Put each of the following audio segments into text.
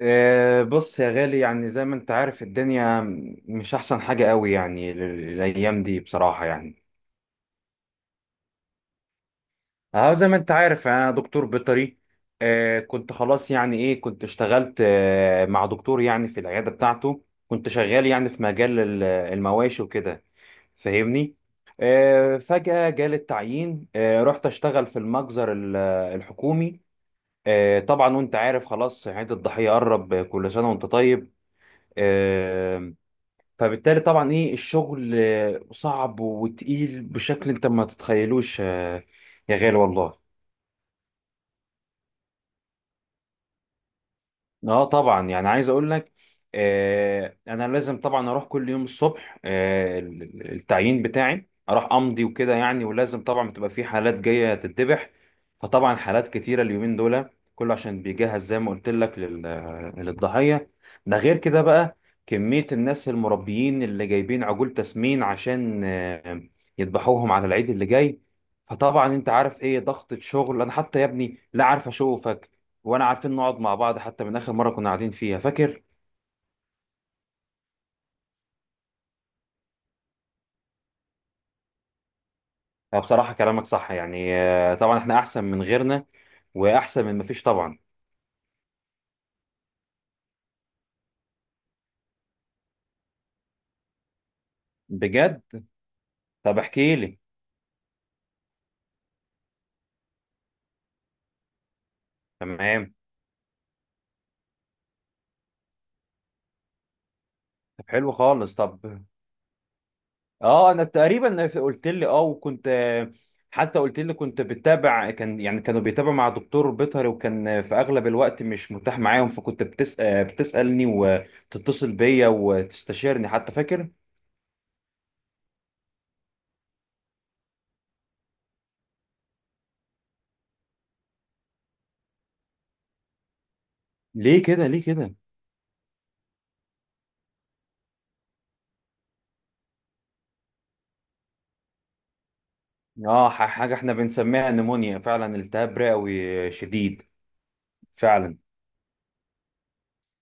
بص يا غالي، يعني زي ما انت عارف الدنيا مش احسن حاجة قوي يعني الايام دي بصراحة يعني. اه زي ما انت عارف انا دكتور بيطري. كنت خلاص يعني ايه كنت اشتغلت مع دكتور يعني في العيادة بتاعته، كنت شغال يعني في مجال المواشي وكده. فاهمني؟ فجأة جالي التعيين، رحت اشتغل في المجزر الحكومي. طبعا وانت عارف خلاص عيد الضحية قرب. كل سنة وانت طيب. آه، فبالتالي طبعا ايه الشغل صعب وتقيل بشكل انت ما تتخيلوش، يا غالي والله. اه طبعا، يعني عايز اقول لك، انا لازم طبعا اروح كل يوم الصبح التعيين بتاعي، اروح امضي وكده يعني. ولازم طبعا بتبقى في حالات جايه تتذبح، فطبعا حالات كتيره اليومين دول كله، عشان بيجهز زي ما قلت لك للضحيه. ده غير كده بقى كميه الناس المربيين اللي جايبين عجول تسمين عشان يذبحوهم على العيد اللي جاي. فطبعا انت عارف ايه ضغطة شغل. انا حتى يا ابني لا عارف اشوفك وانا عارفين نقعد مع بعض، حتى من اخر مره كنا قاعدين فيها، فاكر؟ بصراحه كلامك صح يعني، طبعا احنا احسن من غيرنا واحسن من مفيش طبعا. بجد؟ طب احكي لي. تمام. طب حلو خالص. طب اه انا تقريبا قلت لي اه، وكنت حتى قلت لي كنت بتابع، كان يعني كانوا بيتابعوا مع دكتور بيطري وكان في اغلب الوقت مش متاح معاهم، فكنت بتسالني وتتصل بيا وتستشيرني، حتى فاكر؟ ليه كده؟ ليه كده؟ اه حاجة احنا بنسميها نمونيا، فعلا التهاب رئوي شديد. فعلا.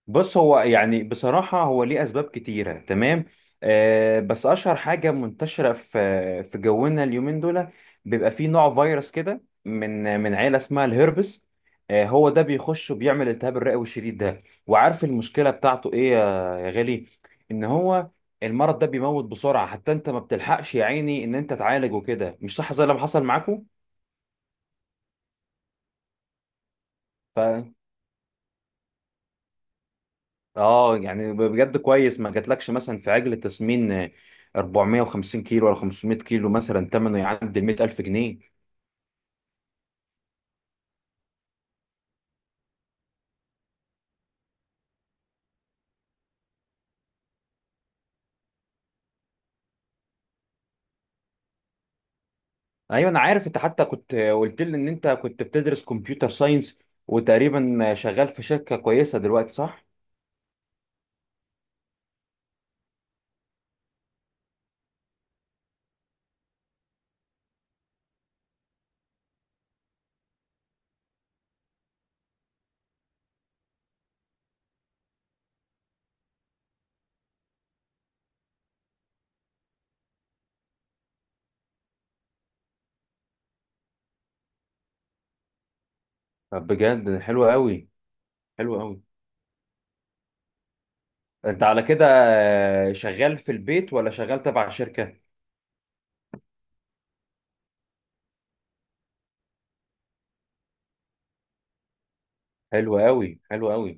بص هو يعني بصراحة هو ليه أسباب كتيرة، تمام؟ آه، بس أشهر حاجة منتشرة في جونا اليومين دول، بيبقى فيه نوع فيروس كده من عيلة اسمها الهربس. آه، هو ده بيخش وبيعمل التهاب الرئوي الشديد ده. وعارف المشكلة بتاعته إيه يا يا غالي؟ إن هو المرض ده بيموت بسرعة، حتى أنت ما بتلحقش يا عيني إن أنت تعالج وكده، مش صح؟ زي اللي حصل معاكم. اه يعني بجد كويس ما جاتلكش مثلا في عجل تسمين 450 كيلو ولا 500 كيلو، مثلا ثمنه يعدي ال 100,000 جنيه. ايوه انا عارف، انت حتى كنت قلت لي ان انت كنت بتدرس كمبيوتر ساينس، وتقريبا شغال في شركة كويسة دلوقتي، صح؟ طب بجد حلو قوي. حلو قوي. انت على كده شغال في البيت ولا شغال تبع شركة؟ حلو قوي، حلو قوي.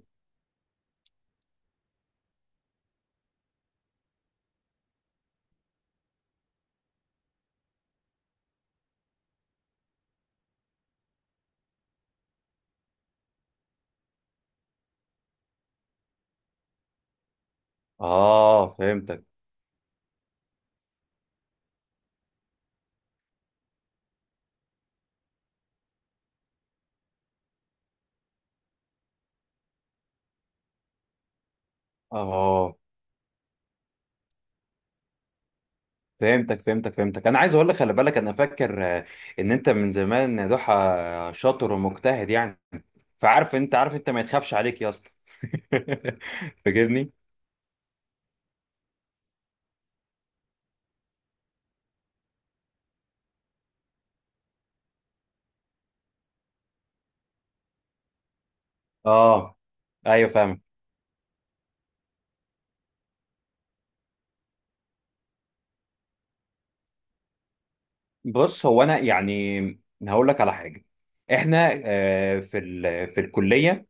اه فهمتك. اه فهمتك. انا عايز اقول لك، خلي بالك، انا فاكر ان انت من زمان يا ضحى شاطر ومجتهد يعني. فعارف، انت عارف انت ما يتخافش عليك يا اسطى. فاكرني؟ اه ايوه فاهم. بص هو انا يعني هقول لك على حاجه. احنا في الكليه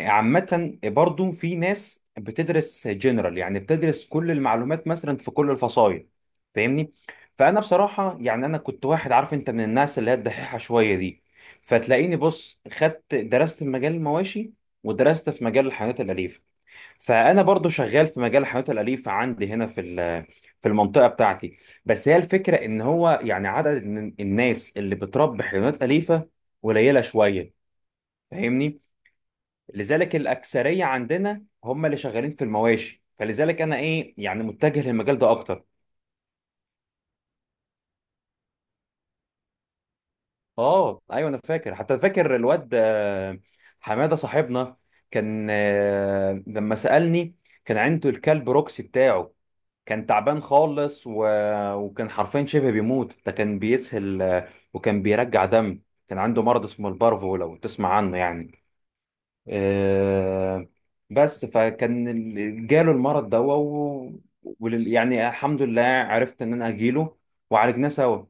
عامة برضو في ناس بتدرس جنرال، يعني بتدرس كل المعلومات مثلا في كل الفصائل، فاهمني؟ فأنا بصراحة يعني أنا كنت واحد، عارف أنت، من الناس اللي هي الدحيحة شوية دي. فتلاقيني بص خدت درست في مجال المواشي، ودرست في مجال الحيوانات الأليفة. فأنا برضو شغال في مجال الحيوانات الأليفة عندي هنا في في المنطقة بتاعتي. بس هي الفكرة إن هو يعني عدد الناس اللي بتربي حيوانات أليفة قليلة شوية، فاهمني؟ لذلك الاكثريه عندنا هم اللي شغالين في المواشي، فلذلك انا ايه يعني متجه للمجال ده اكتر. اه ايوه انا فاكر، حتى فاكر الواد حماده صاحبنا كان لما سالني كان عنده الكلب روكسي بتاعه، كان تعبان خالص وكان حرفيا شبه بيموت، ده كان بيسهل وكان بيرجع دم. كان عنده مرض اسمه البارفو، لو تسمع عنه يعني. آه، بس فكان جاله المرض ده يعني الحمد لله عرفت ان انا اجيله وعالجناه سوا.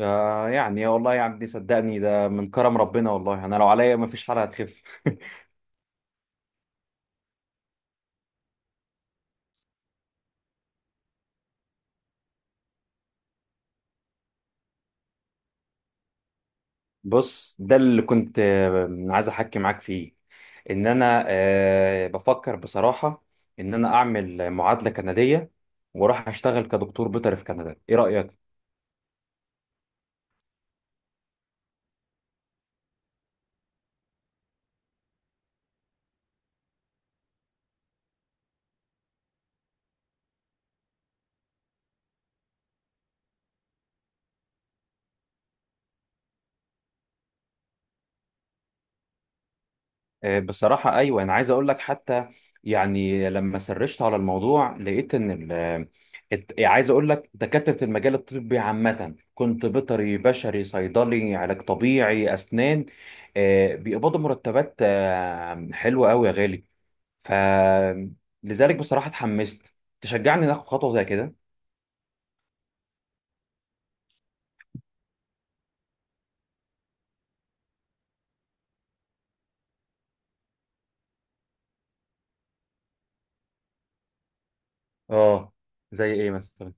يعني والله يا عبدي صدقني، ده من كرم ربنا والله، انا لو عليا ما فيش حالة هتخف. بص ده اللي كنت عايز احكي معاك فيه، ان انا بفكر بصراحة ان انا اعمل معادلة كندية واروح اشتغل كدكتور بيطري في كندا، ايه رأيك؟ بصراحة أيوة، أنا عايز أقول لك، حتى يعني لما سرشت على الموضوع لقيت إن يعني عايز أقول لك دكاترة المجال الطبي عامة، كنت بيطري بشري صيدلي علاج طبيعي أسنان، بيقبضوا مرتبات حلوة أوي يا غالي. ف لذلك بصراحة اتحمست. تشجعني ناخد خطوة زي كده؟ اه زي ايه مثلا؟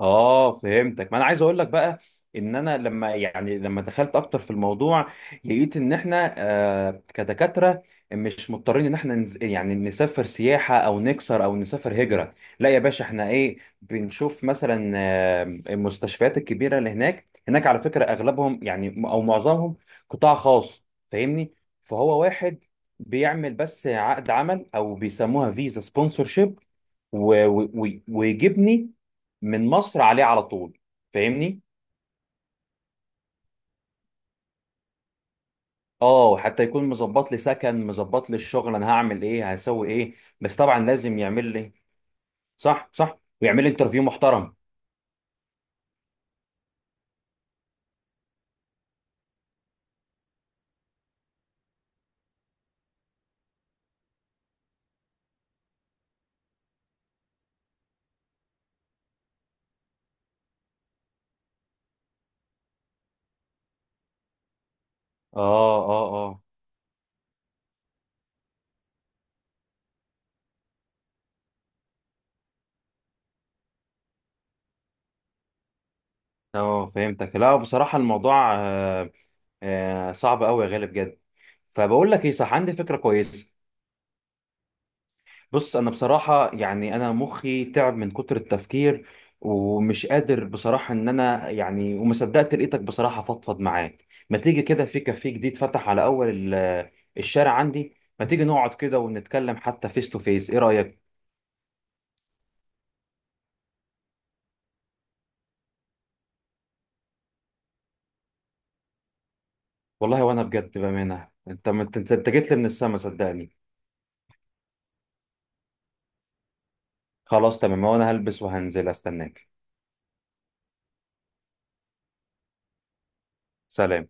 اه فهمتك. ما انا عايز اقول لك بقى ان انا لما يعني لما دخلت اكتر في الموضوع، لقيت ان احنا آه كدكاتره مش مضطرين ان احنا يعني نسافر سياحه او نكسر او نسافر هجره. لا يا باشا، احنا ايه بنشوف مثلا المستشفيات الكبيره اللي هناك. هناك على فكره اغلبهم يعني او معظمهم قطاع خاص، فاهمني؟ فهو واحد بيعمل بس عقد عمل او بيسموها فيزا سبونسورشيب، ويجيبني من مصر عليه على طول، فاهمني؟ اه حتى يكون مظبط لي سكن، مظبط لي الشغل، انا هعمل ايه، هسوي ايه. بس طبعا لازم يعمل لي، صح صح، ويعمل لي انترفيو محترم. اه اه اه. اه فهمتك. لا بصراحة الموضوع آه آه صعب قوي يا غالي، بجد. فبقول لك ايه، صح عندي فكرة كويسة. بص انا بصراحه يعني انا مخي تعب من كتر التفكير ومش قادر بصراحه ان انا يعني. وما صدقت لقيتك بصراحه، فضفض معاك. ما تيجي كده في كافيه جديد فتح على اول الشارع عندي، ما تيجي نقعد كده ونتكلم حتى فيس تو فيس، ايه رايك؟ والله وانا بجد بامانه، انت أنت جيت لي من السما، صدقني. خلاص تمام، وانا هلبس وهنزل استناك. سلام.